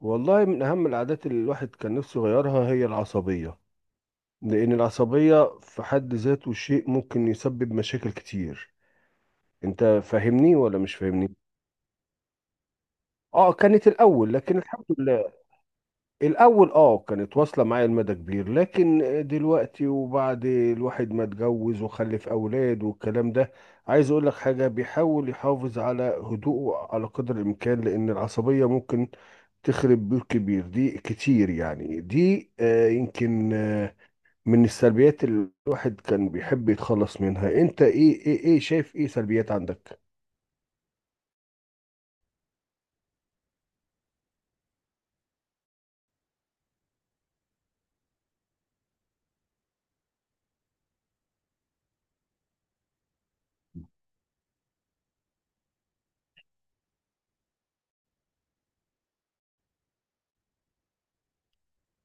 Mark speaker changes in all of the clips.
Speaker 1: والله من أهم العادات اللي الواحد كان نفسه يغيرها هي العصبية. لأن العصبية في حد ذاته شيء ممكن يسبب مشاكل كتير. أنت فاهمني ولا مش فاهمني؟ آه، كانت الأول لكن الحمد لله. الأول كانت واصلة معايا لمدى كبير، لكن دلوقتي وبعد الواحد ما اتجوز وخلف أولاد والكلام ده، عايز أقول لك حاجة، بيحاول يحافظ على هدوءه على قدر الإمكان، لأن العصبية ممكن تخرب بيوت كبير دي كتير، يعني دي آه، يمكن آه، من السلبيات اللي الواحد كان بيحب يتخلص منها. أنت إيه شايف إيه سلبيات عندك؟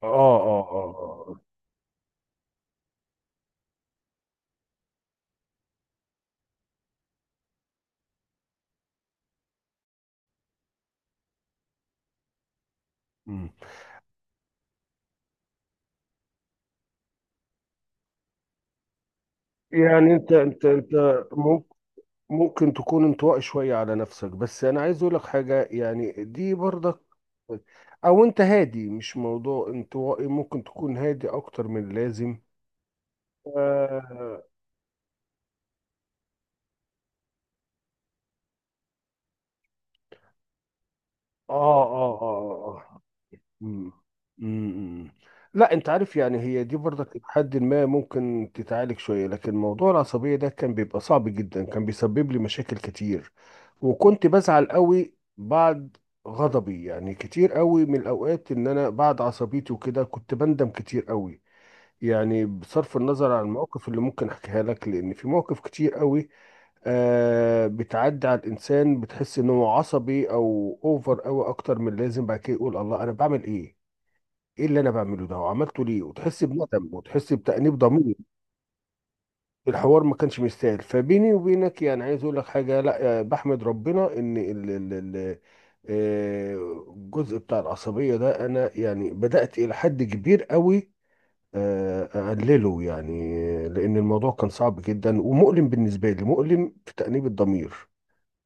Speaker 1: اه، اه، اه. آه. مم. يعني انت ممكن تكون انطوائي شوية على نفسك، بس أنا عايز أقولك حاجة، يعني دي برضك، أو أنت هادي، مش موضوع انطوائي، ممكن تكون هادي أكتر من اللازم. آه، آه، آه، آه، آه. مم. مم. لا، انت عارف يعني هي دي برضك لحد ما ممكن تتعالج شويه، لكن موضوع العصبيه ده كان بيبقى صعب جدا، كان بيسبب لي مشاكل كتير. وكنت بزعل قوي بعد غضبي، يعني كتير قوي من الاوقات، ان انا بعد عصبيتي وكده كنت بندم كتير قوي. يعني بصرف النظر عن المواقف اللي ممكن احكيها لك، لان في مواقف كتير قوي آه بتعدي على الانسان، بتحس انه عصبي او اوفر قوي اكتر من اللازم، بعد كده يقول الله انا بعمل ايه، ايه اللي انا بعمله ده وعملته ليه، وتحس بندم وتحس بتأنيب ضمير. الحوار ما كانش مستاهل، فبيني وبينك يعني عايز اقول لك حاجه، لا بحمد ربنا ان آه، الجزء بتاع العصبيه ده انا يعني بدأت الى حد كبير قوي آه، اقلله، يعني لان الموضوع كان صعب جدا ومؤلم بالنسبه لي، مؤلم في تأنيب الضمير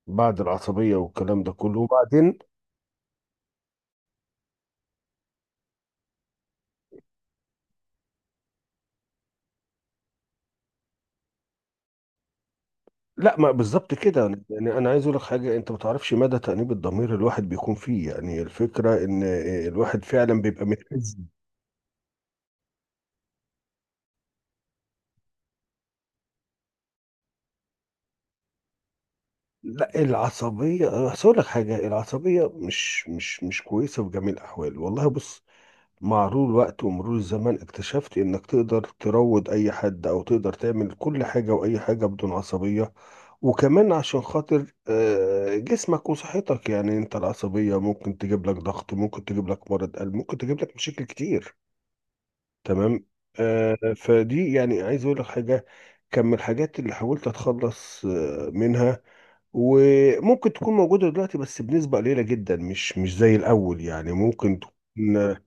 Speaker 1: بعد العصبيه والكلام ده كله. وبعدين لا، ما بالظبط كده، يعني انا عايز اقول لك حاجه، انت ما تعرفش مدى تأنيب الضمير الواحد بيكون فيه، يعني الفكره ان الواحد فعلا بيبقى متأذي. لا العصبيه، بس اقول لك حاجه، العصبيه مش كويسه في جميع الاحوال. والله بص، مع مرور الوقت ومرور الزمن اكتشفت انك تقدر تروض اي حد او تقدر تعمل كل حاجه واي حاجه بدون عصبيه. وكمان عشان خاطر جسمك وصحتك، يعني انت العصبيه ممكن تجيب لك ضغط، ممكن تجيب لك مرض قلب، ممكن تجيب لك مشاكل كتير. تمام. آه، فدي يعني عايز اقول لك حاجه، كان من الحاجات اللي حاولت اتخلص منها. وممكن تكون موجوده دلوقتي بس بنسبه قليله جدا، مش زي الاول، يعني ممكن تكون.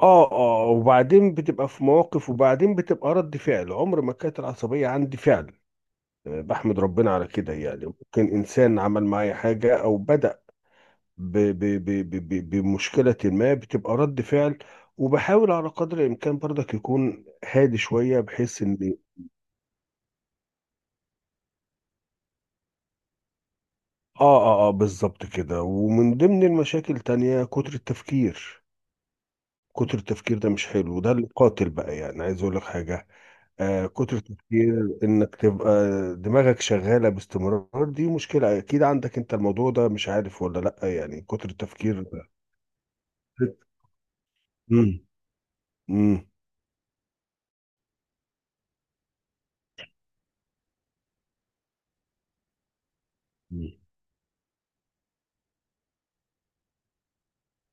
Speaker 1: اه وبعدين بتبقى في مواقف، وبعدين بتبقى رد فعل، عمر ما كانت العصبيه عندي فعل. بحمد ربنا على كده، يعني ممكن انسان عمل معايا حاجه او بدأ بمشكلة ما، بتبقى رد فعل. وبحاول على قدر الإمكان برضك يكون هادي شوية بحيث إن... آه، آه، آه، بالظبط كده. ومن ضمن المشاكل تانية كتر التفكير. كتر التفكير ده مش حلو، وده اللي قاتل بقى، يعني عايز أقول لك حاجة. آه، كتر التفكير إنك تبقى دماغك شغالة باستمرار، دي مشكلة أكيد عندك أنت، الموضوع ده مش عارف ولا لأ، يعني كتر التفكير ده. مم. مم. مم.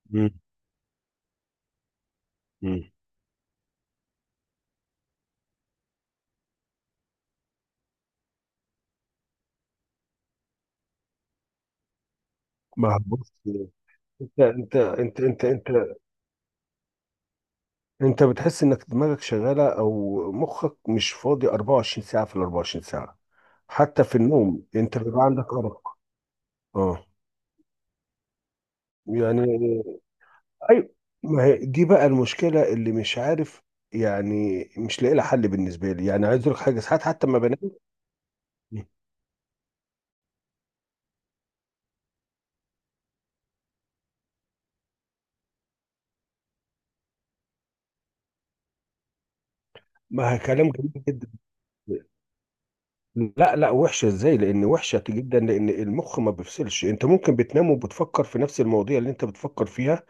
Speaker 1: مم. مم. ما هو بص، انت انت بتحس انك دماغك شغاله او مخك مش فاضي 24 ساعه في ال 24 ساعه. حتى في النوم انت بيبقى عندك ارق. اه. يعني، ايوه. ما هي دي بقى المشكله اللي مش عارف، يعني مش لاقي لها حل بالنسبه لي. يعني عايز اقول لك حاجه، ساعات حتى ما بنام. ما هي كلام جميل جدا. لا، لا، وحشه ازاي، لان وحشه جدا، لان المخ ما بيفصلش. انت ممكن بتنام وبتفكر في نفس المواضيع اللي انت بتفكر فيها،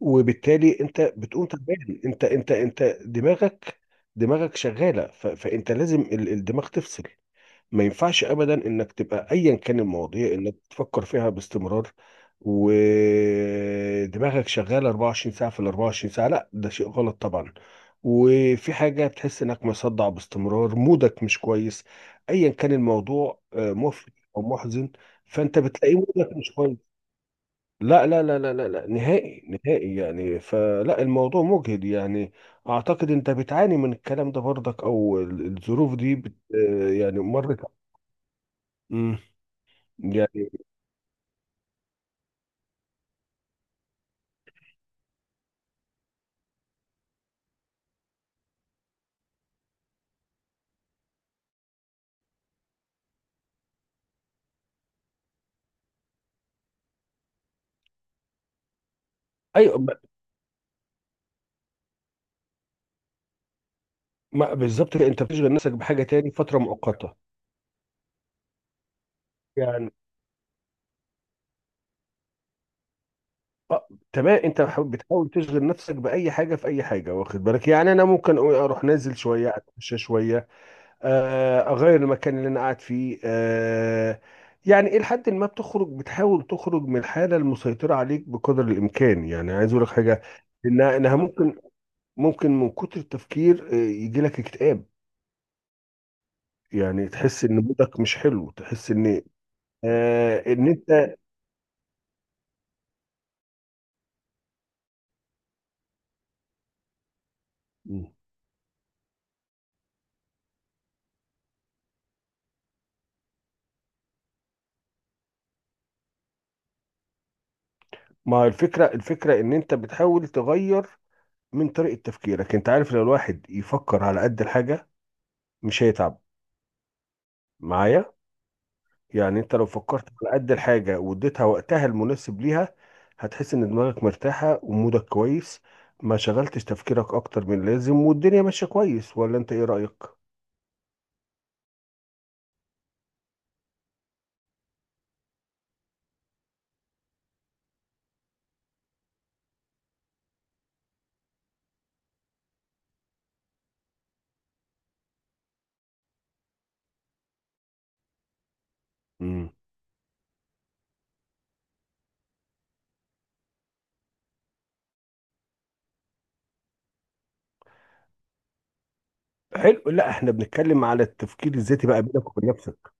Speaker 1: وبالتالي انت بتقوم تعبان. انت دماغك، شغاله فانت لازم الدماغ تفصل. ما ينفعش ابدا انك تبقى ايا كان المواضيع انك تفكر فيها باستمرار، ودماغك شغاله 24 ساعه في ال 24 ساعه. لا، ده شيء غلط طبعا. وفي حاجه بتحس انك مصدع باستمرار، مودك مش كويس، ايا كان الموضوع مفرح او محزن، فانت بتلاقي مودك مش كويس. لا، لا، لا، لا، لا، لا، نهائي. نهائي يعني. فلا، الموضوع مجهد يعني. اعتقد انت بتعاني من الكلام ده برضك، او الظروف دي بت آه، يعني مرت. امم يعني، ايوه. بالظبط كده، انت بتشغل نفسك بحاجه تاني فتره مؤقته يعني. اه، تمام، انت بتحاول تشغل نفسك باي حاجه في اي حاجه، واخد بالك يعني. انا ممكن أقول اروح نازل شويه، اتمشى شويه، اغير المكان اللي انا قاعد فيه، يعني الى حد ما بتخرج، بتحاول تخرج من الحاله المسيطره عليك بقدر الامكان. يعني عايز اقول لك حاجه، انها ممكن من كتر التفكير يجي لك اكتئاب. يعني تحس ان مودك مش حلو، تحس ان ان انت... ما هو الفكره، ان انت بتحاول تغير من طريقه تفكيرك. انت عارف لو الواحد يفكر على قد الحاجه، مش هيتعب معايا. يعني انت لو فكرت على قد الحاجة واديتها وقتها المناسب ليها، هتحس ان دماغك مرتاحة ومودك كويس، ما شغلتش تفكيرك اكتر من اللازم، والدنيا ماشية كويس. ولا انت ايه رأيك؟ امم. حلو. لا، احنا بنتكلم على التفكير الذاتي بقى بينك وبين نفسك.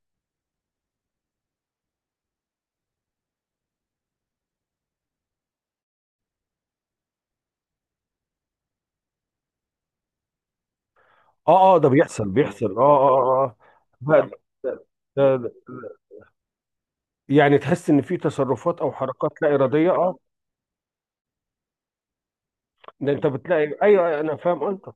Speaker 1: اه، اه، ده بيحصل، بيحصل، اه، اه، اه، اه، بقى، ده يعني تحس ان في تصرفات او حركات لا ارادية، اه. ده انت بتلاقي، ايوه انا فاهم انت.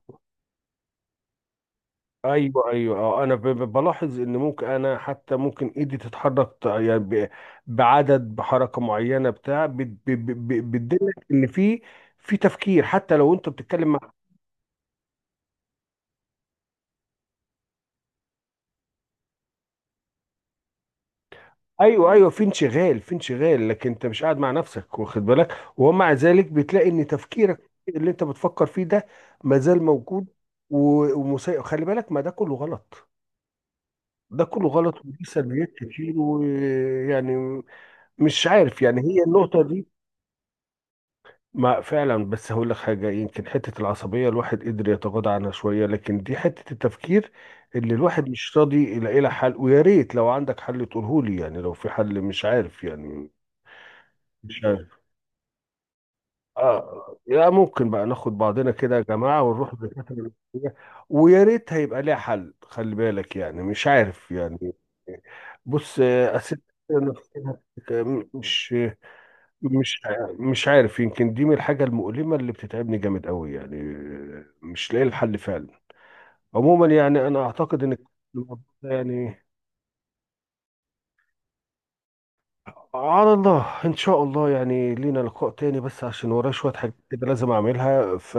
Speaker 1: ايوه، ايوه، اه، انا بلاحظ ان ممكن، انا حتى ممكن ايدي تتحرك يعني بعدد بحركه معينه بتاع بتدلك ان في، في تفكير حتى لو انت بتتكلم مع. ايوه، ايوه، في انشغال، في انشغال، لكن انت مش قاعد مع نفسك واخد بالك، ومع ذلك بتلاقي ان تفكيرك اللي انت بتفكر فيه ده مازال موجود. ومسيء خلي بالك، ما ده كله غلط. ده كله غلط وليه سلبيات كتير، ويعني مش عارف يعني، هي النقطة دي. ما فعلا، بس هقول لك حاجة، يمكن حتة العصبية الواحد قدر يتغاضى عنها شوية، لكن دي حتة التفكير اللي الواحد مش راضي يلاقي لها حل. ويا ريت لو عندك حل تقوله لي، يعني لو في حل. مش عارف يعني، مش عارف. اه، يا ممكن بقى ناخد بعضنا كده يا جماعة، ونروح للدكاترة النفسية. ويا ريت هيبقى ليها حل، خلي بالك، يعني مش عارف يعني. بص أسئلة النفسية. مش مش عارف، يمكن دي من الحاجة المؤلمة اللي بتتعبني جامد قوي، يعني مش لاقي الحل فعلا. عموما يعني انا اعتقد ان الموضوع ده يعني، على الله ان شاء الله يعني لينا لقاء تاني، بس عشان ورايا شوية حاجات كده لازم اعملها، ف